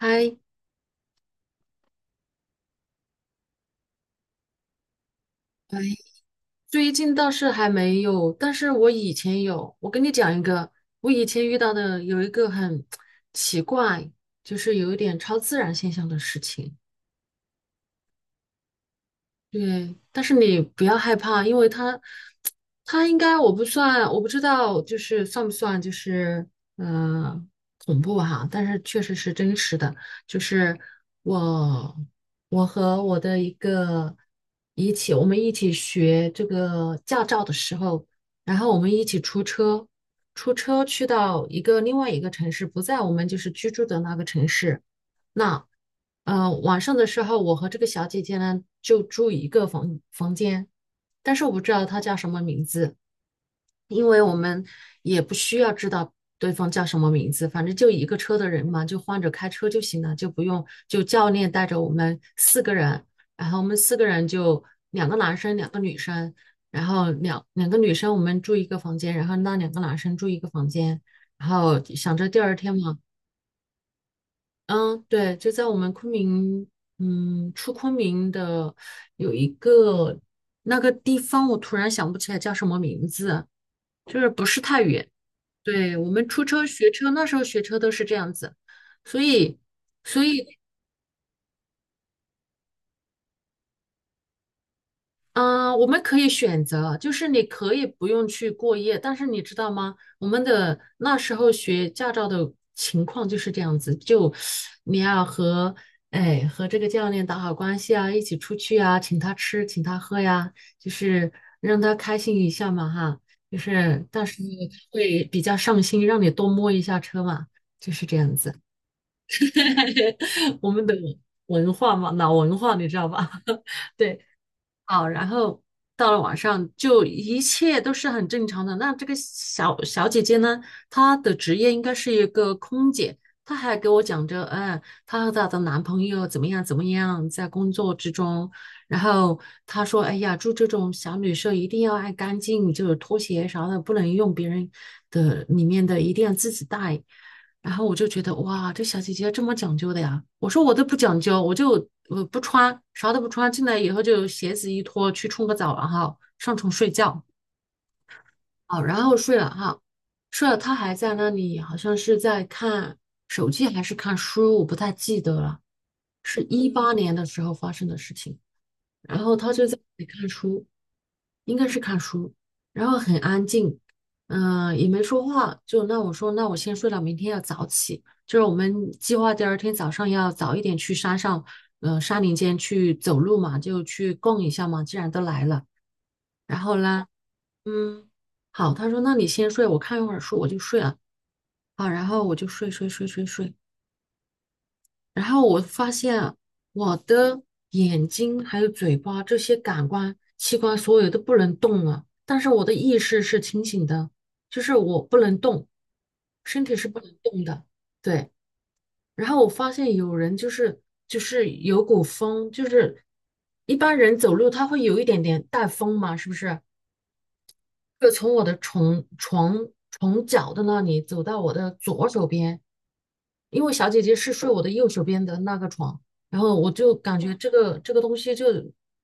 还最近倒是还没有，但是我以前有。我跟你讲一个，我以前遇到的有一个很奇怪，就是有一点超自然现象的事情。对，但是你不要害怕，因为他，他应该我不算，我不知道，就是算不算就是嗯恐怖哈、但是确实是真实的，就是我我和我的一个一起，我们一起学这个驾照的时候，然后我们一起出车，出车去到一个另外一个城市，不在我们就是居住的那个城市，那。晚上的时候，我和这个小姐姐呢就住一个房间，但是我不知道她叫什么名字，因为我们也不需要知道对方叫什么名字，反正就一个车的人嘛，就换着开车就行了，就不用就教练带着我们四个人，然后我们四个人就两个男生，两个女生，然后两个女生我们住一个房间，然后那两个男生住一个房间，然后想着第二天嘛。嗯，对，就在我们昆明，嗯，出昆明的有一个那个地方，我突然想不起来叫什么名字，就是不是太远。对，我们出车学车，那时候学车都是这样子，所以，所以嗯，我们可以选择，就是你可以不用去过夜，但是你知道吗？我们的那时候学驾照的情况就是这样子，就你要和和这个教练打好关系啊，一起出去啊，请他吃，请他喝呀，就是让他开心一下嘛哈，就是但是他会比较上心，让你多摸一下车嘛，就是这样子。我们的文化嘛，老文化你知道吧？对。好，然后到了晚上就一切都是很正常的。那这个小小姐姐呢，她的职业应该是一个空姐，她还给我讲着，哎，她和她的男朋友怎么样怎么样，在工作之中。然后她说，哎呀，住这种小旅社一定要爱干净，就是拖鞋啥的不能用别人的里面的，一定要自己带。然后我就觉得哇，这小姐姐这么讲究的呀！我说我都不讲究，我就我不穿，啥都不穿，进来以后就鞋子一脱，去冲个澡，然后上床睡觉。好，然后睡了哈，睡了，她还在那里，好像是在看手机还是看书，我不太记得了，是18年的时候发生的事情。然后他就在那里看书，应该是看书，然后很安静，也没说话。就那我说，那我先睡了，明天要早起。就是我们计划第二天早上要早一点去山上，山林间去走路嘛，就去逛一下嘛。既然都来了，然后呢，嗯，好，他说那你先睡，我看一会儿书，我就睡了。好，然后我就睡睡睡睡睡，然后我发现啊我的眼睛还有嘴巴这些感官器官所有都不能动了，但是我的意识是清醒的，就是我不能动，身体是不能动的。对，然后我发现有人就是有股风，就是一般人走路他会有一点点带风嘛，是不是？就从我的床脚的那里走到我的左手边。因为小姐姐是睡我的右手边的那个床，然后我就感觉这个东西就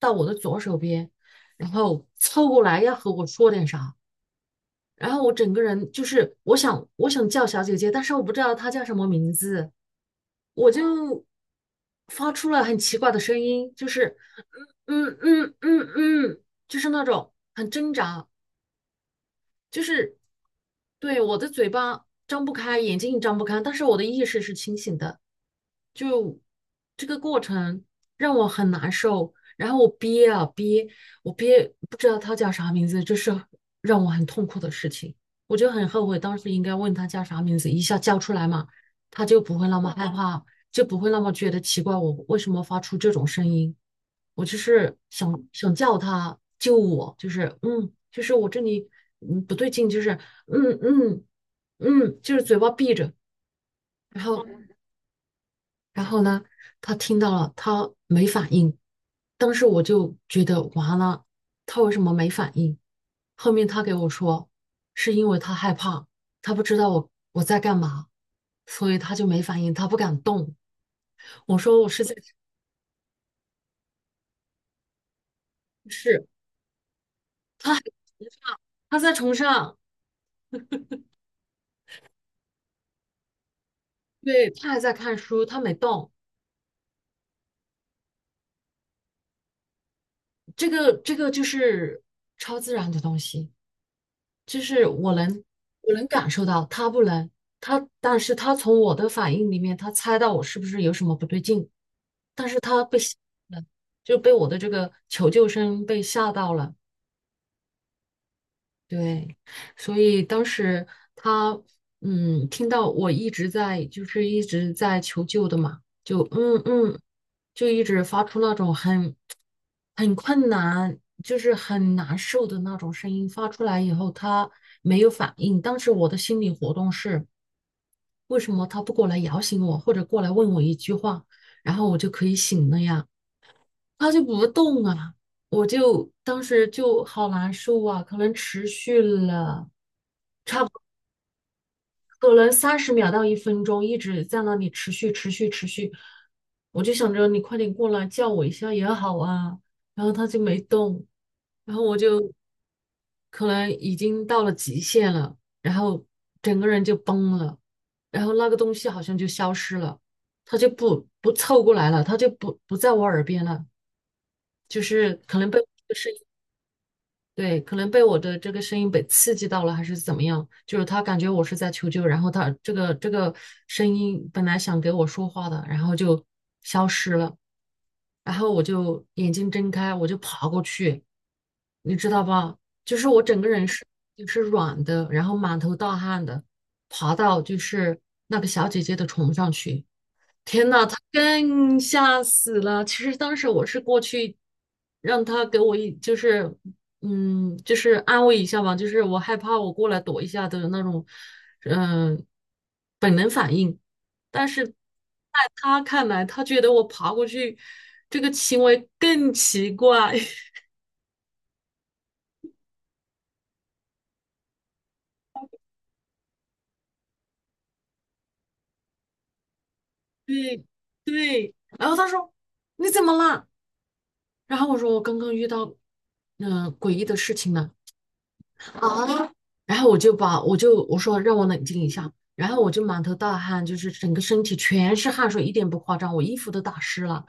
到我的左手边，然后凑过来要和我说点啥，然后我整个人就是我想叫小姐姐，但是我不知道她叫什么名字，我就发出了很奇怪的声音，就是嗯嗯嗯嗯嗯，就是那种很挣扎，就是对我的嘴巴张不开，眼睛也张不开，但是我的意识是清醒的，就这个过程让我很难受，然后我憋啊憋，我憋不知道他叫啥名字，这是让我很痛苦的事情，我就很后悔当时应该问他叫啥名字，一下叫出来嘛，他就不会那么害怕，就不会那么觉得奇怪，我为什么发出这种声音？我就是想叫他救我，就是就是我这里不对劲，就是嗯嗯就是嘴巴闭着，然后然后呢，他听到了，他没反应，当时我就觉得完了，他为什么没反应？后面他给我说，是因为他害怕，他不知道我在干嘛，所以他就没反应，他不敢动。我说我是在尝试。他还在崇尚，他在床上，对，他还在看书，他没动。这个就是超自然的东西，就是我能感受到，他不能。但是他从我的反应里面，他猜到我是不是有什么不对劲，但是他被吓到了，就被我的这个求救声被吓到了。对，所以当时他听到我一直在一直在求救的嘛，就就一直发出那种很困难，就是很难受的那种声音发出来以后，他没有反应。当时我的心理活动是，为什么他不过来摇醒我，或者过来问我一句话，然后我就可以醒了呀？他就不动啊，我就当时就好难受啊，可能持续了。可能30秒到1分钟一直在那里持续持续持续，我就想着你快点过来叫我一下也好啊，然后他就没动，然后我就可能已经到了极限了，然后整个人就崩了，然后那个东西好像就消失了，他就不凑过来了，他就不在我耳边了，就是可能被。对，可能被我的这个声音被刺激到了，还是怎么样？就是他感觉我是在求救，然后他这个声音本来想给我说话的，然后就消失了，然后我就眼睛睁开，我就爬过去，你知道吧？就是我整个人是软的，然后满头大汗的，爬到就是那个小姐姐的床上去。天呐，他更吓死了！其实当时我是过去让他给我一，就是，就是安慰一下吧，就是我害怕我过来躲一下的那种，嗯、本能反应。但是在他看来，他觉得我爬过去这个行为更奇怪。对对，然后他说你怎么啦？然后我说我刚刚遇到诡异的事情了。啊，然后我就把我说让我冷静一下，然后我就满头大汗，就是整个身体全是汗水，一点不夸张，我衣服都打湿了。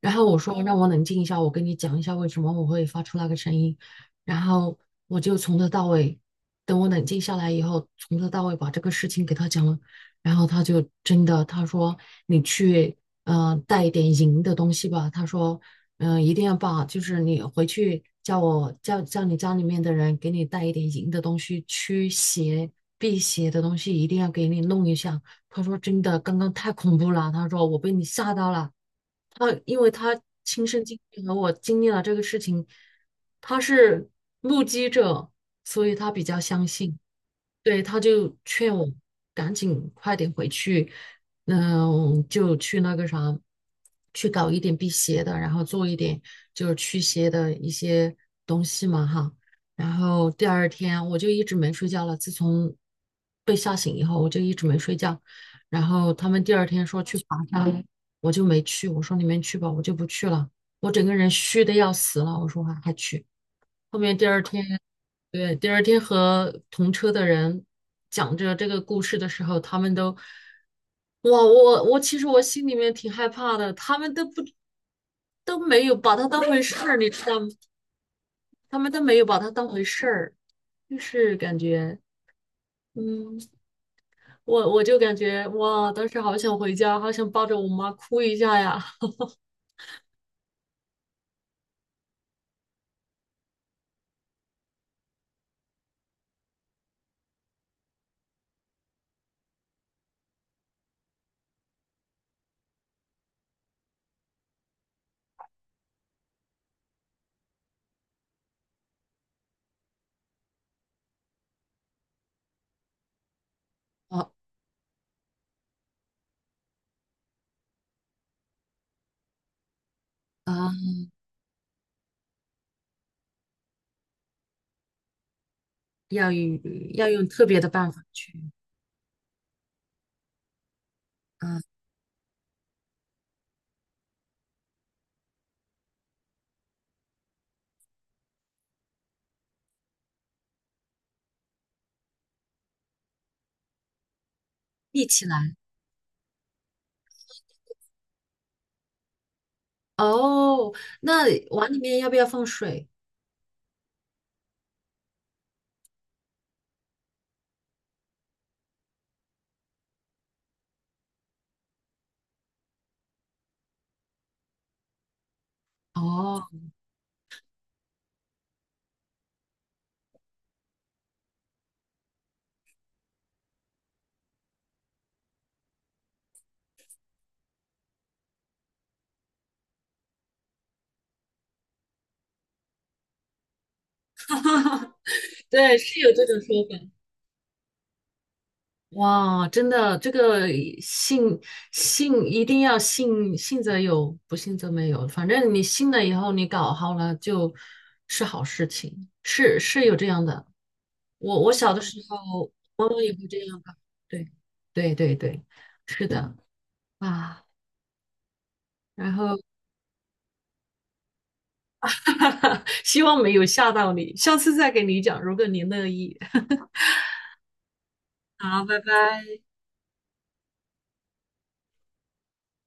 然后我说让我冷静一下，我跟你讲一下为什么我会发出那个声音。然后我就从头到尾，等我冷静下来以后，从头到尾把这个事情给他讲了。然后他就真的他说你去带一点银的东西吧，他说一定要把就是你回去叫我叫叫你家里面的人给你带一点银的东西，驱邪辟邪的东西一定要给你弄一下。他说真的，刚刚太恐怖了，他说我被你吓到了。他因为他亲身经历和我经历了这个事情，他是目击者，所以他比较相信。对，他就劝我赶紧快点回去，嗯，就去那个啥，去搞一点辟邪的，然后做一点就是驱邪的一些东西嘛哈。然后第二天我就一直没睡觉了，自从被吓醒以后，我就一直没睡觉。然后他们第二天说去爬山，我就没去。我说你们去吧，我就不去了。我整个人虚的要死了。我说还去。后面第二天，对，第二天和同车的人讲着这个故事的时候，他们都，哇，我其实我心里面挺害怕的。他们都没有把它当回事儿，你知道吗？他们都没有把它当回事儿，就是感觉。嗯，我就感觉哇，当时好想回家，好想抱着我妈哭一下呀。啊啊！要用要用特别的办法去，嗯，立起来。哦，那碗里面要不要放水？哦，对，是有这种说法。哇，真的，这个信信一定要信，信则有，不信则没有。反正你信了以后，你搞好了就是好事情，是是有这样的。我小的时候，妈妈也会这样搞。对，对对对，是的啊。然后。哈哈，希望没有吓到你，下次再给你讲，如果你乐意。好，拜拜。